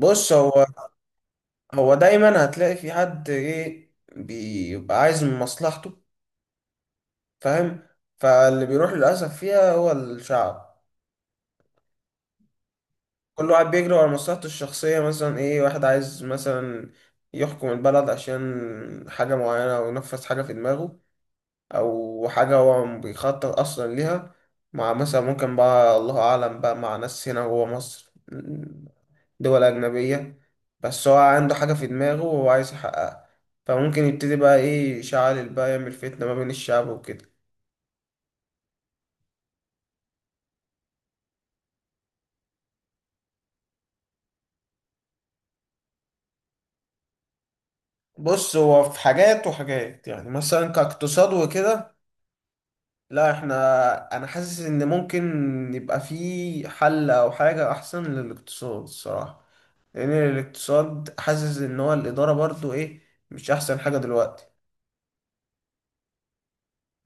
بص هو دايما هتلاقي في حد ايه بيبقى عايز من مصلحته، فاهم؟ فاللي بيروح للأسف فيها هو الشعب. كل واحد بيجري ورا مصلحته الشخصية، مثلا ايه، واحد عايز مثلا يحكم البلد عشان حاجة معينة أو ينفذ حاجة في دماغه او حاجه هو بيخطط اصلا ليها، مع مثلا، ممكن بقى، الله اعلم بقى، مع ناس هنا جوه مصر دول اجنبيه. بس هو عنده حاجه في دماغه وهو عايز يحققها، فممكن يبتدي بقى ايه، يشعل بقى، يعمل فتنه ما بين الشعب وكده. بص هو في حاجات وحاجات، يعني مثلا كاقتصاد وكده، لا احنا، انا حاسس ان ممكن يبقى في حل او حاجه احسن للاقتصاد الصراحه، لان الاقتصاد حاسس ان هو الاداره برضو ايه مش احسن حاجه دلوقتي.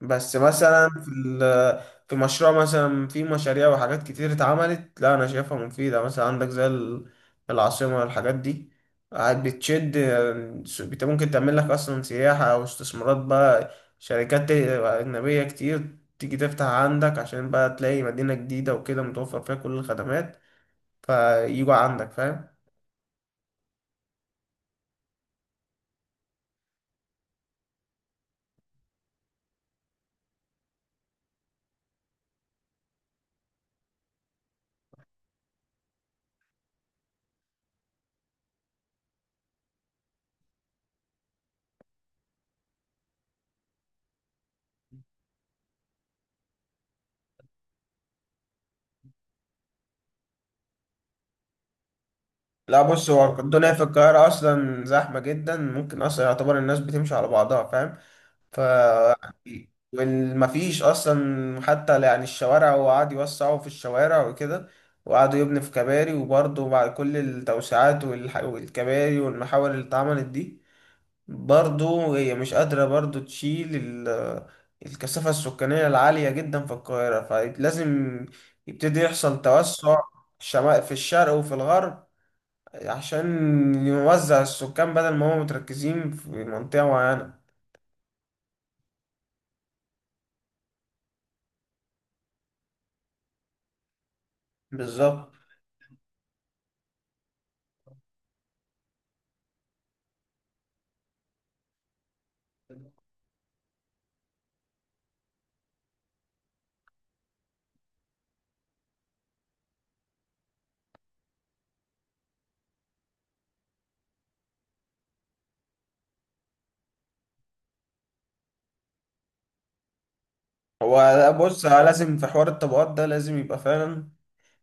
بس مثلا في مشروع مثلا، في مشاريع وحاجات كتير اتعملت، لا انا شايفها مفيده، مثلا عندك زي العاصمه، الحاجات دي قاعد بتشد. ممكن تعمل لك اصلا سياحه او استثمارات بقى، شركات اجنبيه كتير تيجي تفتح عندك عشان بقى تلاقي مدينه جديده وكده متوفر فيها كل الخدمات، فيجوا عندك، فاهم؟ لا بص، هو الدنيا في القاهرة أصلا زحمة جدا، ممكن أصلا يعتبر الناس بتمشي على بعضها، فاهم؟ ف والمفيش أصلا حتى، يعني الشوارع، هو قعد يوسعوا في الشوارع وكده، وقعدوا يبني في كباري، وبرضه بعد كل التوسعات والكباري والمحاور اللي اتعملت دي، برضه هي مش قادرة برضه تشيل الكثافة السكانية العالية جدا في القاهرة، فلازم يبتدي يحصل توسع في الشرق وفي الغرب، عشان يوزع السكان بدل ما هم متركزين في منطقة معينة. بالظبط. هو لا، بص، لازم في حوار الطبقات ده لازم يبقى فعلا،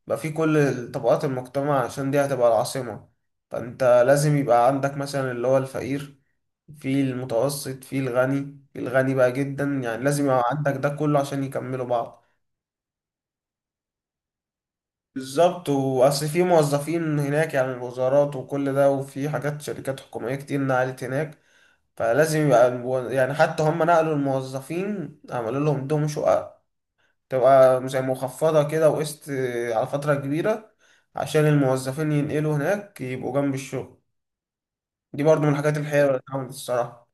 يبقى في كل طبقات المجتمع عشان دي هتبقى العاصمة. فأنت لازم يبقى عندك مثلا اللي هو الفقير، في المتوسط، في الغني، في الغني بقى جدا، يعني لازم يبقى عندك ده كله عشان يكملوا بعض. بالظبط، وأصل في موظفين هناك، يعني الوزارات وكل ده، وفي حاجات شركات حكومية كتير نقلت هناك، فلازم يبقى يعني حتى هم نقلوا الموظفين عملوا لهم دهم شقق، تبقى زي مخفضة كده، وقسط على فترة كبيرة، عشان الموظفين ينقلوا هناك يبقوا جنب الشغل. دي برضو من الحاجات الحلوة اللي اتعملت الصراحة.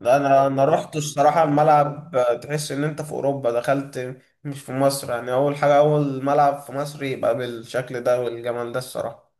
لا انا رحت الصراحة الملعب، تحس ان انت في اوروبا دخلت، مش في مصر يعني. اول حاجة، اول ملعب في مصر يبقى بالشكل ده والجمال ده الصراحة.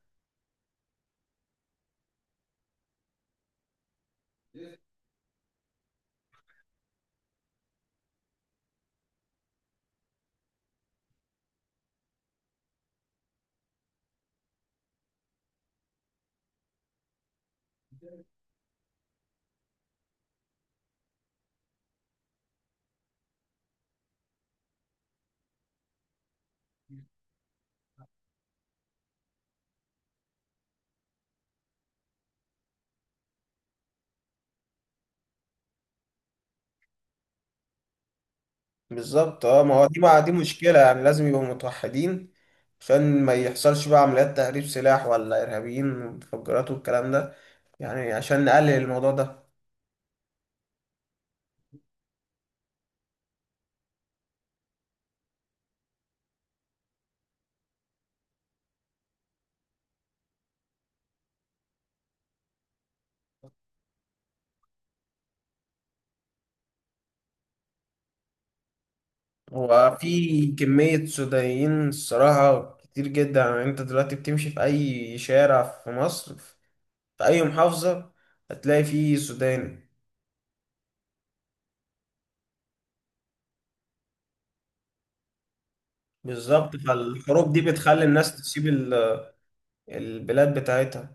بالظبط، اه، ما هو دي بقى دي مشكلة، يعني لازم يبقوا متوحدين عشان ما يحصلش بقى عمليات تهريب سلاح ولا إرهابيين ومتفجرات والكلام ده، يعني عشان نقلل الموضوع ده. وفي كمية سودانيين الصراحة كتير جدا، يعني انت دلوقتي بتمشي في أي شارع في مصر، في أي محافظة، هتلاقي فيه سوداني. بالظبط، فالحروب دي بتخلي الناس تسيب البلاد بتاعتها.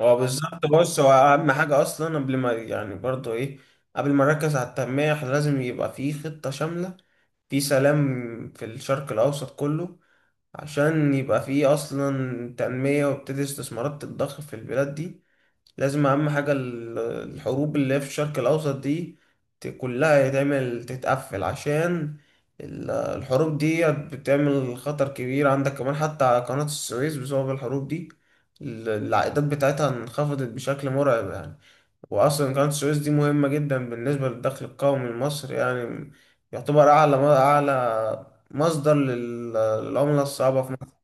هو فاهم بالظبط. بص، هو اهم حاجه اصلا، قبل ما يعني برضو ايه، قبل ما نركز على التنميه، إحنا لازم يبقى في خطه شامله، في سلام في الشرق الاوسط كله، عشان يبقى في اصلا تنميه، وابتدي استثمارات تتضخ في البلاد دي. لازم اهم حاجة الحروب اللي هي في الشرق الاوسط دي، كلها يتعمل تتقفل، عشان الحروب دي بتعمل خطر كبير عندك، كمان حتى على قناة السويس، بسبب الحروب دي العائدات بتاعتها انخفضت بشكل مرعب يعني. واصلا قناة السويس دي مهمة جدا بالنسبة للدخل القومي لمصر، يعني يعتبر اعلى، اعلى مصدر للعملة الصعبة في مصر.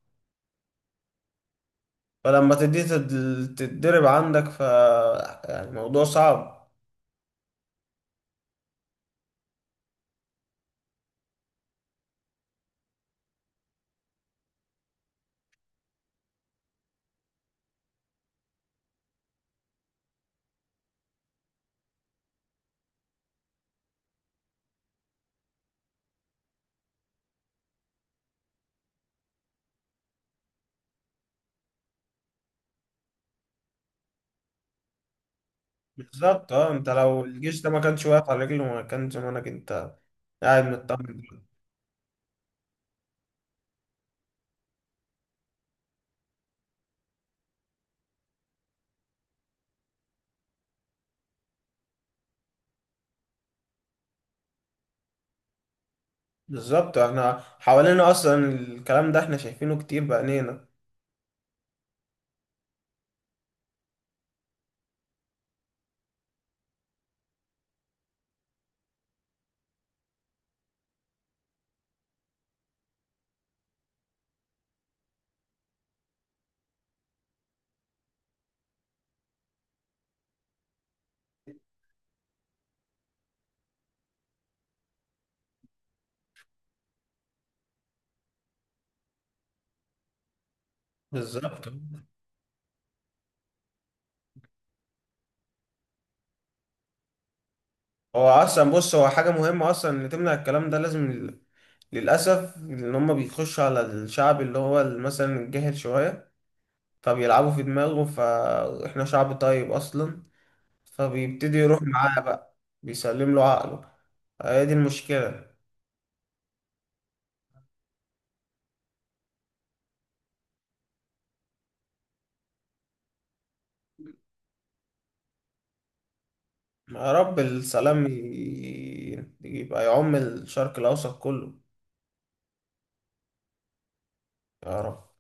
فلما تتضرب عندك ف، يعني موضوع صعب. بالظبط، اه، انت لو الجيش ده ما كانش واقف على رجله، ما كان زمانك انت قاعد مطمن. بالظبط، احنا حوالينا اصلا الكلام ده احنا شايفينه كتير بعينينا. بالظبط. هو اصلا بص، هو حاجة مهمة اصلا ان تمنع الكلام ده، لازم للاسف ان هم بيخشوا على الشعب اللي هو مثلا الجاهل شوية، فبيلعبوا في دماغه، فاحنا شعب طيب اصلا، فبيبتدي يروح معاه بقى، بيسلم له عقله. آه، هي دي المشكلة. يا رب السلام يبقى يعم الشرق الأوسط كله، يا رب.